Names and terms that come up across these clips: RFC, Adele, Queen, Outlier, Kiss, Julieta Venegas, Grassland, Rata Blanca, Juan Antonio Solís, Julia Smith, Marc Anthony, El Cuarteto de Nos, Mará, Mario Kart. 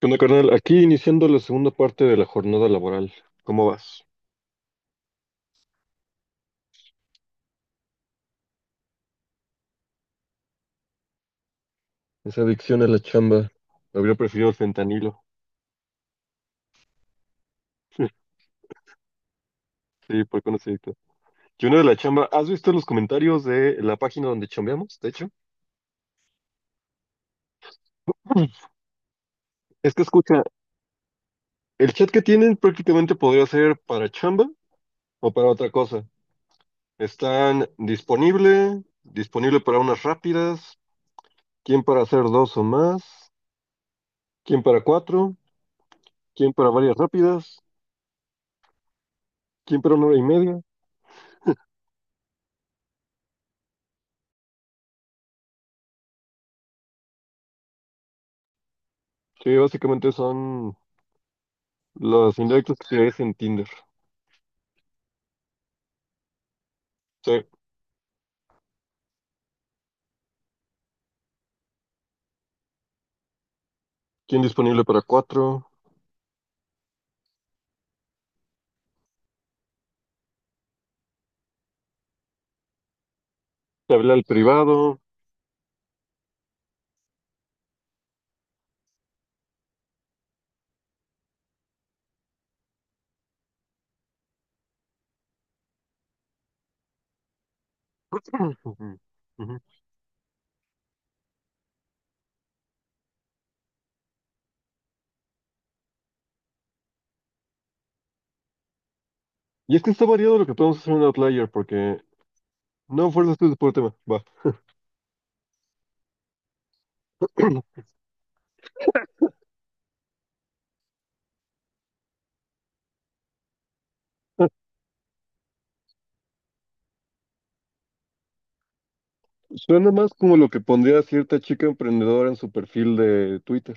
¿Qué onda, carnal? Aquí iniciando la segunda parte de la jornada laboral. ¿Cómo vas? Esa adicción a la chamba. Habría preferido el fentanilo. Sí, por qué no se de la chamba, ¿has visto los comentarios de la página donde chambeamos? De hecho, es que escucha, el chat que tienen prácticamente podría ser para chamba o para otra cosa. Están disponible para unas rápidas, quién para hacer dos o más, quién para cuatro, quién para varias rápidas, quién para una hora y media. Sí, básicamente son Los indirectos que te en Tinder. Sí. ¿Quién disponible para cuatro? Te habla al privado. Ujú, ujú. Y es que está variado lo que podemos hacer en Outlier, porque no fuerzas tú por tema. Va. Suena más como lo que pondría cierta chica emprendedora en su perfil de Twitter.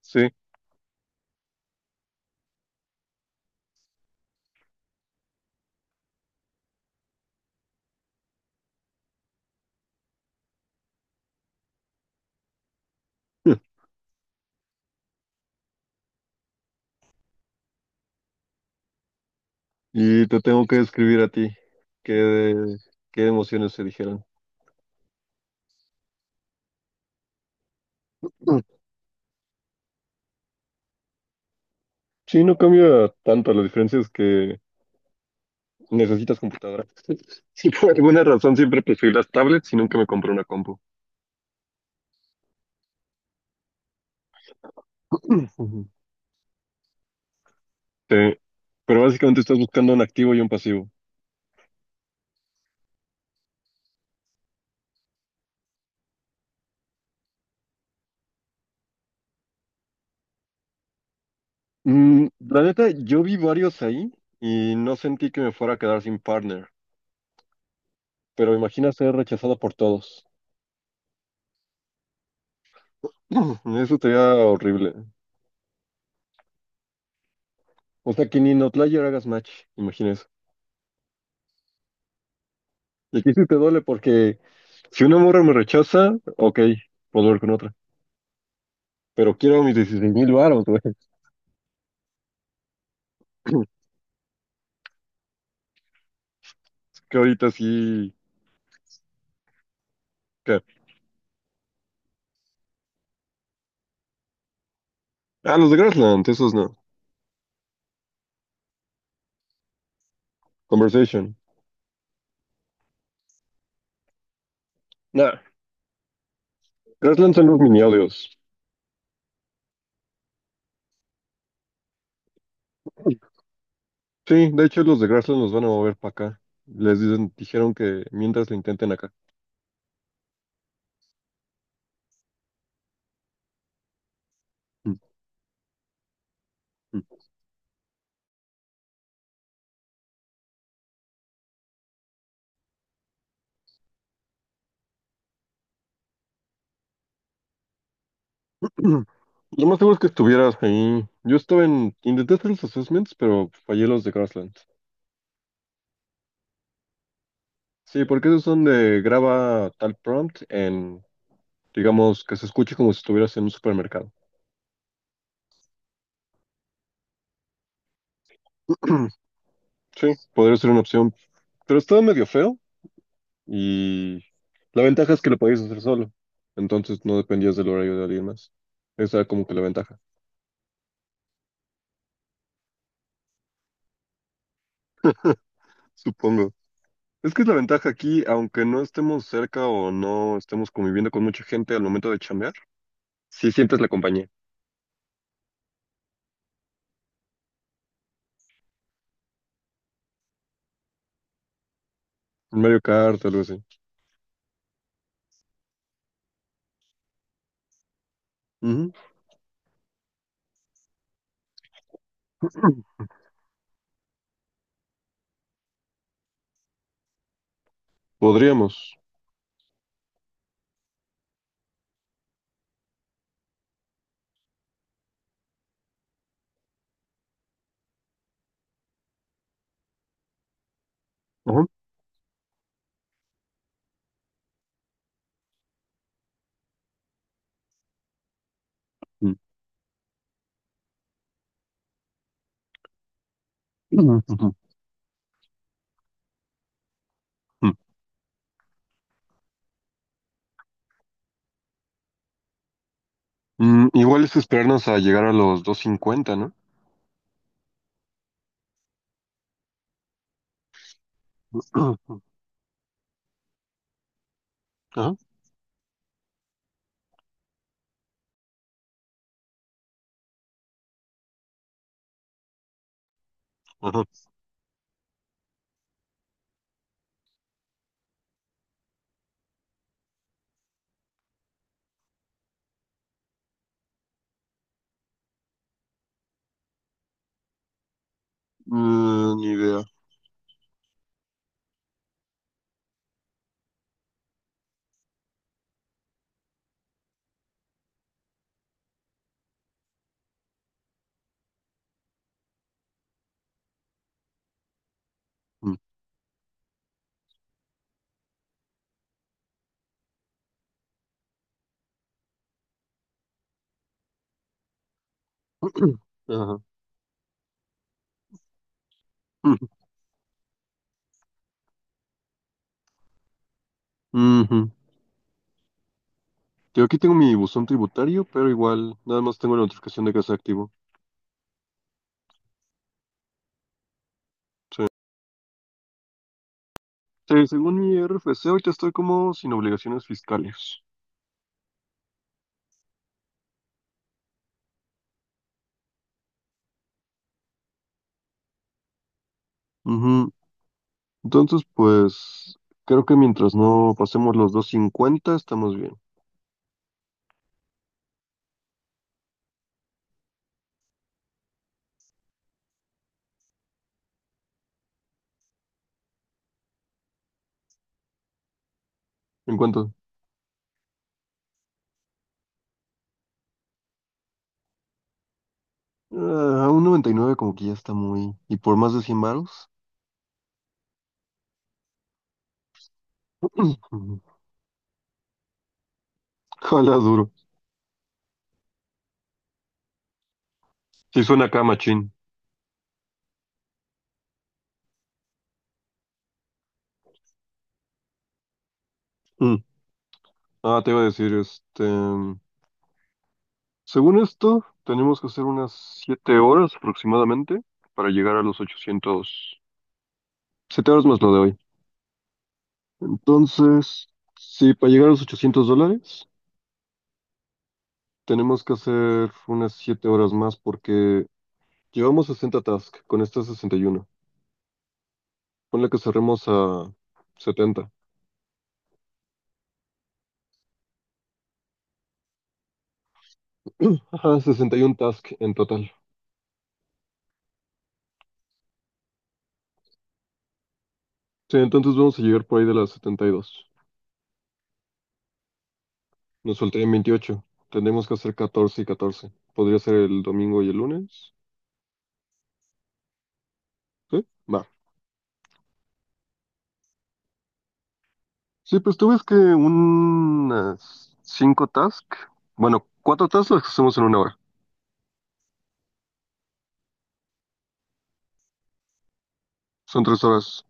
Sí. Y te tengo que describir a ti. ¿Qué, qué emociones se dijeron? Sí, no cambia tanto. La diferencia es que necesitas computadora. Sí, por alguna razón siempre preferí las tablets y nunca me compré una compu. Ujú. Sí. Pero básicamente estás buscando un activo y un pasivo. Mm, la neta, yo vi varios ahí y no sentí que me fuera a quedar sin partner. Pero imagina ser rechazado por todos. Mm, eso sería horrible. O sea, que ni en Outlier hagas match. Imagina eso. Y aquí sí te duele porque si una morra me rechaza, ok, puedo ver con otra. Pero quiero mis 16,000 baros, güey. Es que ahorita sí. ¿Qué? Ah, los de Grassland, esos no. Conversation. Nah, Grassland son los mini audios. Sí, de hecho los de Grassland los van a mover para acá. Dijeron que mientras lo intenten acá. Mm, mm. Lo más seguro es que estuvieras ahí. Intenté hacer los assessments, pero fallé los de Grassland. Sí, porque esos son de graba tal prompt en, digamos, que se escuche como si estuvieras en un supermercado. Sí, podría ser una opción, pero estaba medio feo y la ventaja es que lo podías hacer solo, entonces no dependías del horario de alguien más. Esa era como que la ventaja. Supongo. Es que es la ventaja aquí, aunque no estemos cerca o no estemos conviviendo con mucha gente al momento de chambear, sí sientes la compañía. Un Mario Kart, algo así. Ujú. Podríamos. Ajá. Mm. Ujú. Mm, mm, igual es esperarnos a llegar a los 250, ¿no? Ujú. Ajá, ajá. Mm, ni idea. Mm. Ujú. Ajá. Mm, ujú. Yo aquí tengo mi buzón tributario, pero igual, nada más tengo la notificación de que está activo. Sí, según mi RFC, ahorita estoy como sin obligaciones fiscales. Entonces, pues creo que mientras no pasemos los 250 estamos bien. ¿En cuánto? Ah, un 99 como que ya está muy... ¿Y por más de 100 varos? Ojalá duro. Sí suena acá, machín. Mm. Ah, te iba a decir, este... Según esto, tenemos que hacer unas 7 horas aproximadamente para llegar a los 800 7 horas más lo de hoy. Entonces, sí, para llegar a los $800, tenemos que hacer unas 7 horas más porque llevamos 60 tasks, con esta 61. Ponle que cerremos a 70. Ajá, 61 tasks en total. Sí, entonces vamos a llegar por ahí de las 72. Nos faltarían 28. Tendremos que hacer 14 y 14. ¿Podría ser el domingo y el lunes? Sí, va. Sí, pues tú ves que unas 5 tasks, bueno, 4 tasks las hacemos en una hora. Son 3 horas.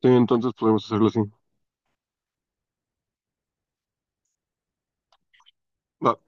Sí, entonces podemos hacerlo así. Va.